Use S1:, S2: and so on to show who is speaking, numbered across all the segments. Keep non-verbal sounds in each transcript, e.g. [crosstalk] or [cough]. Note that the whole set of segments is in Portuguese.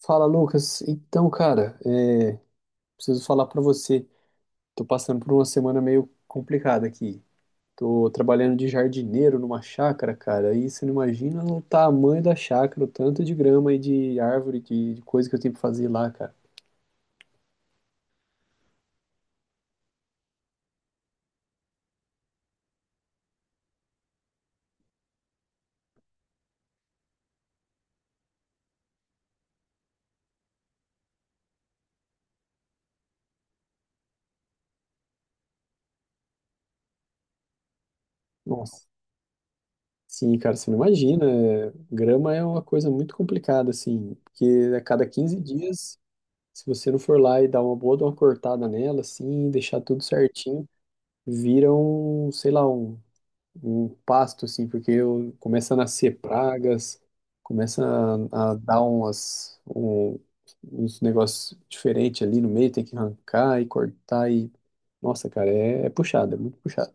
S1: Fala, Lucas. Então, cara, preciso falar pra você. Tô passando por uma semana meio complicada aqui. Tô trabalhando de jardineiro numa chácara, cara. E você não imagina o tamanho da chácara, o tanto de grama e de árvore, de coisa que eu tenho que fazer lá, cara. Nossa. Sim, cara, você não imagina. Grama é uma coisa muito complicada, assim, porque a cada 15 dias, se você não for lá e dar uma cortada nela, assim, e deixar tudo certinho, vira um, sei lá, um pasto, assim, começa a nascer pragas, começa a dar uns negócios diferentes ali no meio, tem que arrancar e cortar e... Nossa, cara, é puxado, é muito puxado.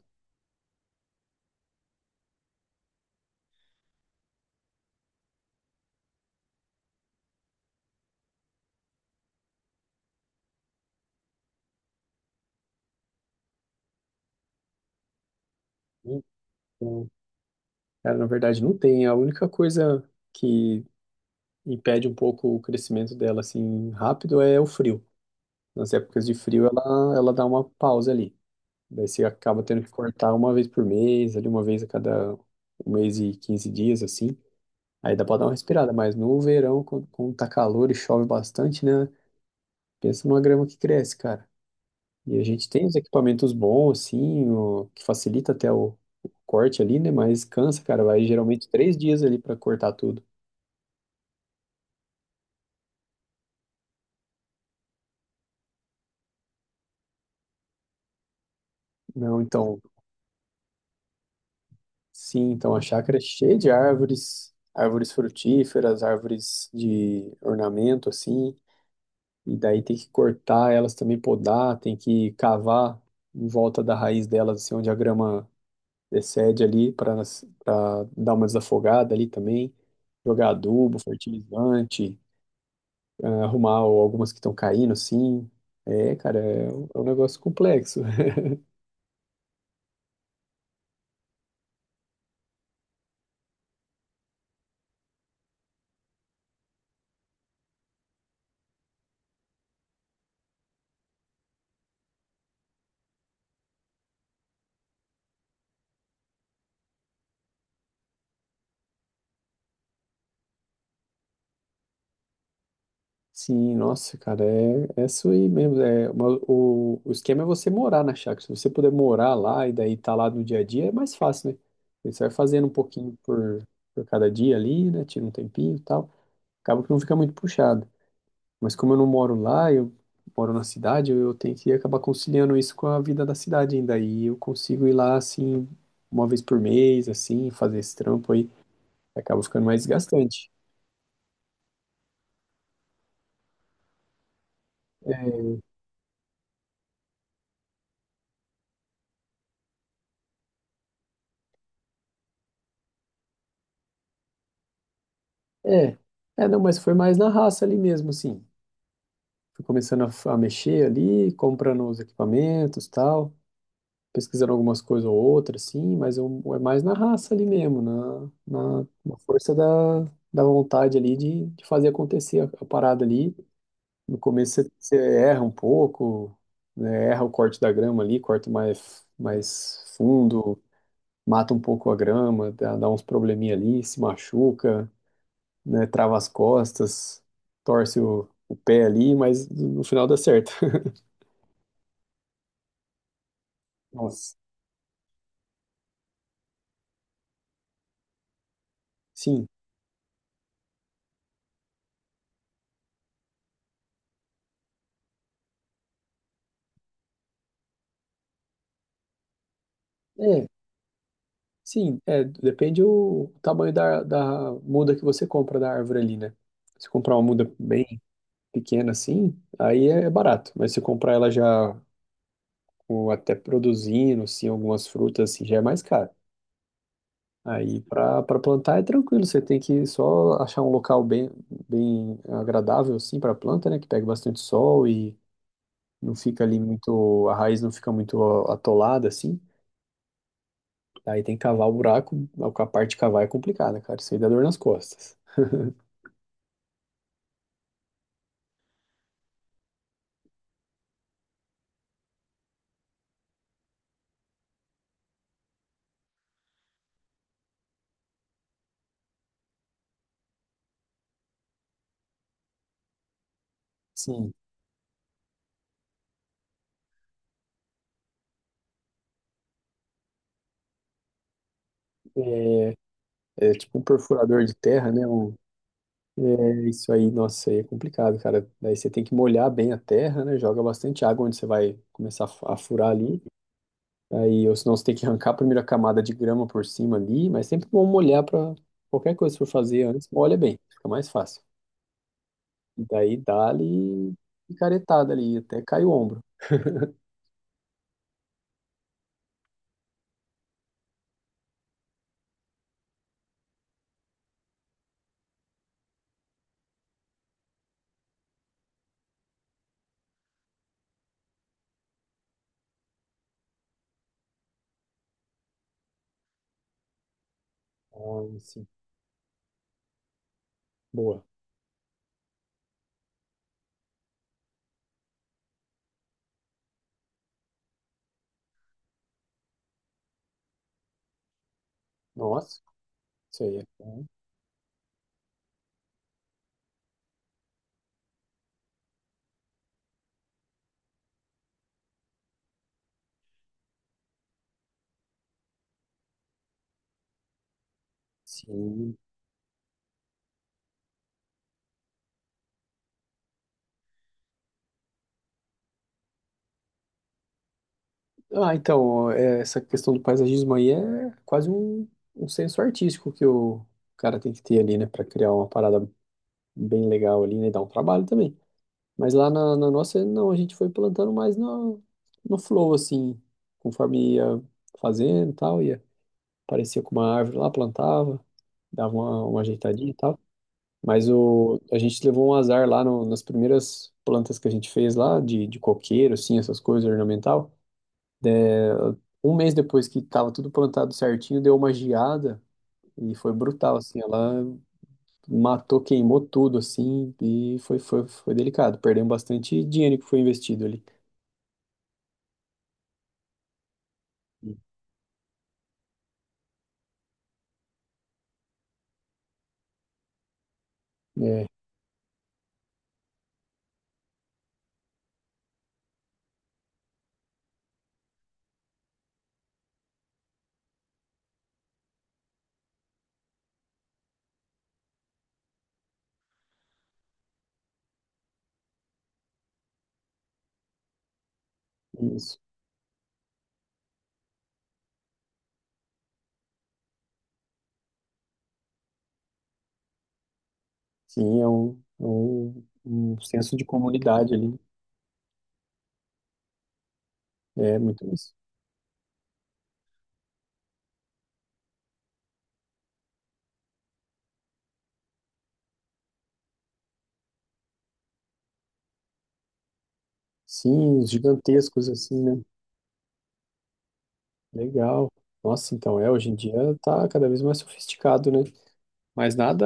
S1: Então, cara, na verdade não tem. A única coisa que impede um pouco o crescimento dela, assim, rápido é o frio. Nas épocas de frio, ela dá uma pausa ali. Daí você acaba tendo que cortar uma vez por mês, ali uma vez a cada um mês e 15 dias, assim. Aí dá pra dar uma respirada, mas no verão, quando tá calor e chove bastante, né? Pensa numa grama que cresce, cara. E a gente tem os equipamentos bons, assim, que facilita até o corte ali, né? Mas cansa, cara. Vai geralmente 3 dias ali pra cortar tudo. Não, então, sim, então a chácara é cheia de árvores, árvores frutíferas, árvores de ornamento, assim, e daí tem que cortar elas também, podar, tem que cavar em volta da raiz delas, assim, onde a grama excede ali para dar uma desafogada ali também, jogar adubo, fertilizante, arrumar algumas que estão caindo, sim. É, cara, é um negócio complexo. [laughs] Sim, nossa, cara, é isso aí mesmo. É, o esquema é você morar na chácara. Se você puder morar lá e daí tá lá no dia a dia, é mais fácil, né? Você vai fazendo um pouquinho por cada dia ali, né? Tira um tempinho e tal. Acaba que não fica muito puxado. Mas como eu não moro lá, eu moro na cidade, eu tenho que acabar conciliando isso com a vida da cidade ainda. E eu consigo ir lá, assim, uma vez por mês, assim, fazer esse trampo aí. Acaba ficando mais desgastante. É, não, mas foi mais na raça ali mesmo, assim. Fui começando a mexer ali, comprando os equipamentos, tal, pesquisando algumas coisas ou outras, assim, mas eu, é mais na raça ali mesmo, na força da vontade ali de fazer acontecer a parada ali. No começo você erra um pouco, né? Erra o corte da grama ali, corta mais fundo, mata um pouco a grama, dá uns probleminha ali, se machuca, né? Trava as costas, torce o pé ali, mas no final dá certo. [laughs] Nossa. Sim, é, sim, é, depende o tamanho da muda que você compra da árvore ali, né? Se comprar uma muda bem pequena assim, aí é barato, mas se comprar ela já ou até produzindo, assim, algumas frutas, assim, já é mais caro. Aí para plantar é tranquilo, você tem que só achar um local bem agradável assim para planta, né, que pega bastante sol e não fica ali muito a raiz não fica muito atolada assim. Aí tem que cavar o buraco, a parte de cavar é complicada, cara, isso aí dá dor nas costas. Sim, é, é tipo um perfurador de terra, né, um, é isso aí, nossa, isso aí é complicado, cara. Daí você tem que molhar bem a terra, né? Joga bastante água onde você vai começar a a furar ali. Aí, ou senão você tem que arrancar a primeira camada de grama por cima ali, mas sempre bom molhar para qualquer coisa que for fazer antes, molha bem, fica mais fácil. E daí dá-lhe picaretada ali, até cai o ombro. Ah, sim. Boa. Nossa, isso aí é bom. Sim, ah, então, essa questão do paisagismo aí é quase um, senso artístico que o cara tem que ter ali, né, para criar uma parada bem legal ali, né, e dar um trabalho também. Mas lá na nossa, não, a gente foi plantando mais no flow, assim, conforme ia fazendo e tal, ia, aparecia com uma árvore lá, plantava, dava uma ajeitadinha e tal. Mas a gente levou um azar lá nas primeiras plantas que a gente fez lá, de coqueiro, assim, essas coisas ornamental. Um mês depois que tava tudo plantado certinho, deu uma geada e foi brutal, assim. Ela matou, queimou tudo, assim, e foi delicado. Perdemos bastante dinheiro que foi investido ali. É, isso. Sim, um senso de comunidade ali. É muito isso. Sim, os gigantescos, assim, né? Legal. Nossa, então hoje em dia tá cada vez mais sofisticado, né? Mas nada,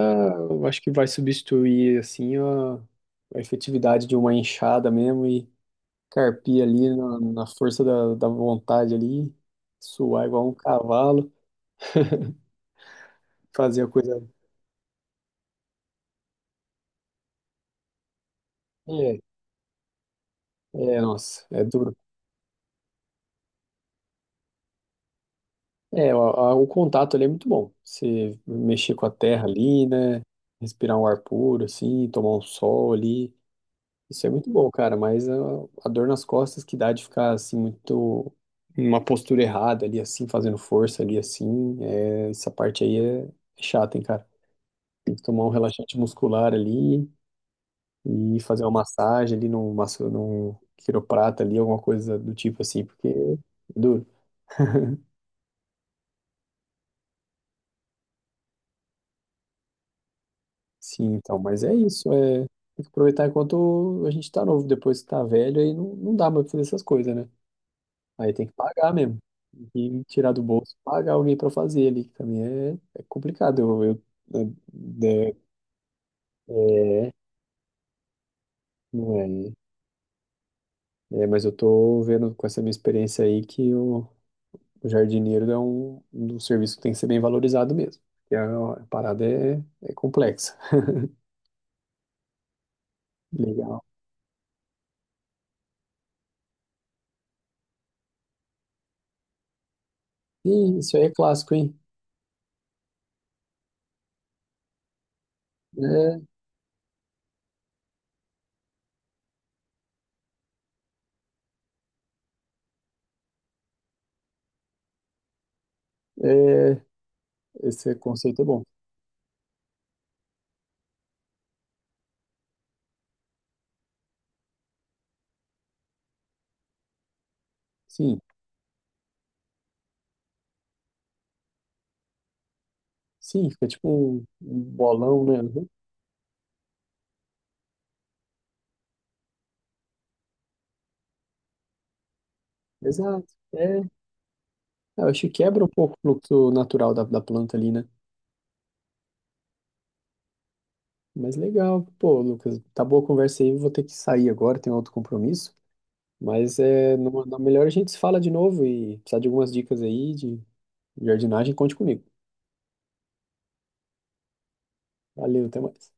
S1: eu acho que vai substituir, assim, a efetividade de uma enxada mesmo e, carpir ali na força da vontade ali, suar igual um cavalo, fazer a coisa. É, Nossa, é duro. É, o contato ali é muito bom. Você mexer com a terra ali, né? Respirar um ar puro, assim, tomar um sol ali. Isso é muito bom, cara, mas a dor nas costas que dá de ficar, assim, muito. Numa postura errada ali, assim, fazendo força ali, assim. Essa parte aí é é chata, hein, cara. Tem que tomar um relaxante muscular ali. E fazer uma massagem ali num quiroprata ali, alguma coisa do tipo assim, porque é duro. Sim, então, mas é isso, tem que aproveitar enquanto a gente tá novo, depois que tá velho, aí não dá mais pra fazer essas coisas, né? Aí tem que pagar mesmo, e tirar do bolso, pagar alguém pra fazer ali, que também é complicado, é, é, não é, né? Mas eu tô vendo com essa minha experiência aí que eu o jardineiro é um, serviço que tem que ser bem valorizado mesmo. Porque a parada é complexa. Legal. Ih, isso aí é clássico, hein? É, é, esse conceito é bom. Sim, sim, fica tipo um bolão, né? Uhum. Exato. É, eu acho que quebra um pouco o fluxo natural da planta ali, né? Mas legal, pô, Lucas, tá boa a conversa aí, vou ter que sair agora, tenho outro compromisso. Mas é, na melhor a gente se fala de novo e precisar de algumas dicas aí de jardinagem, conte comigo. Valeu, até mais.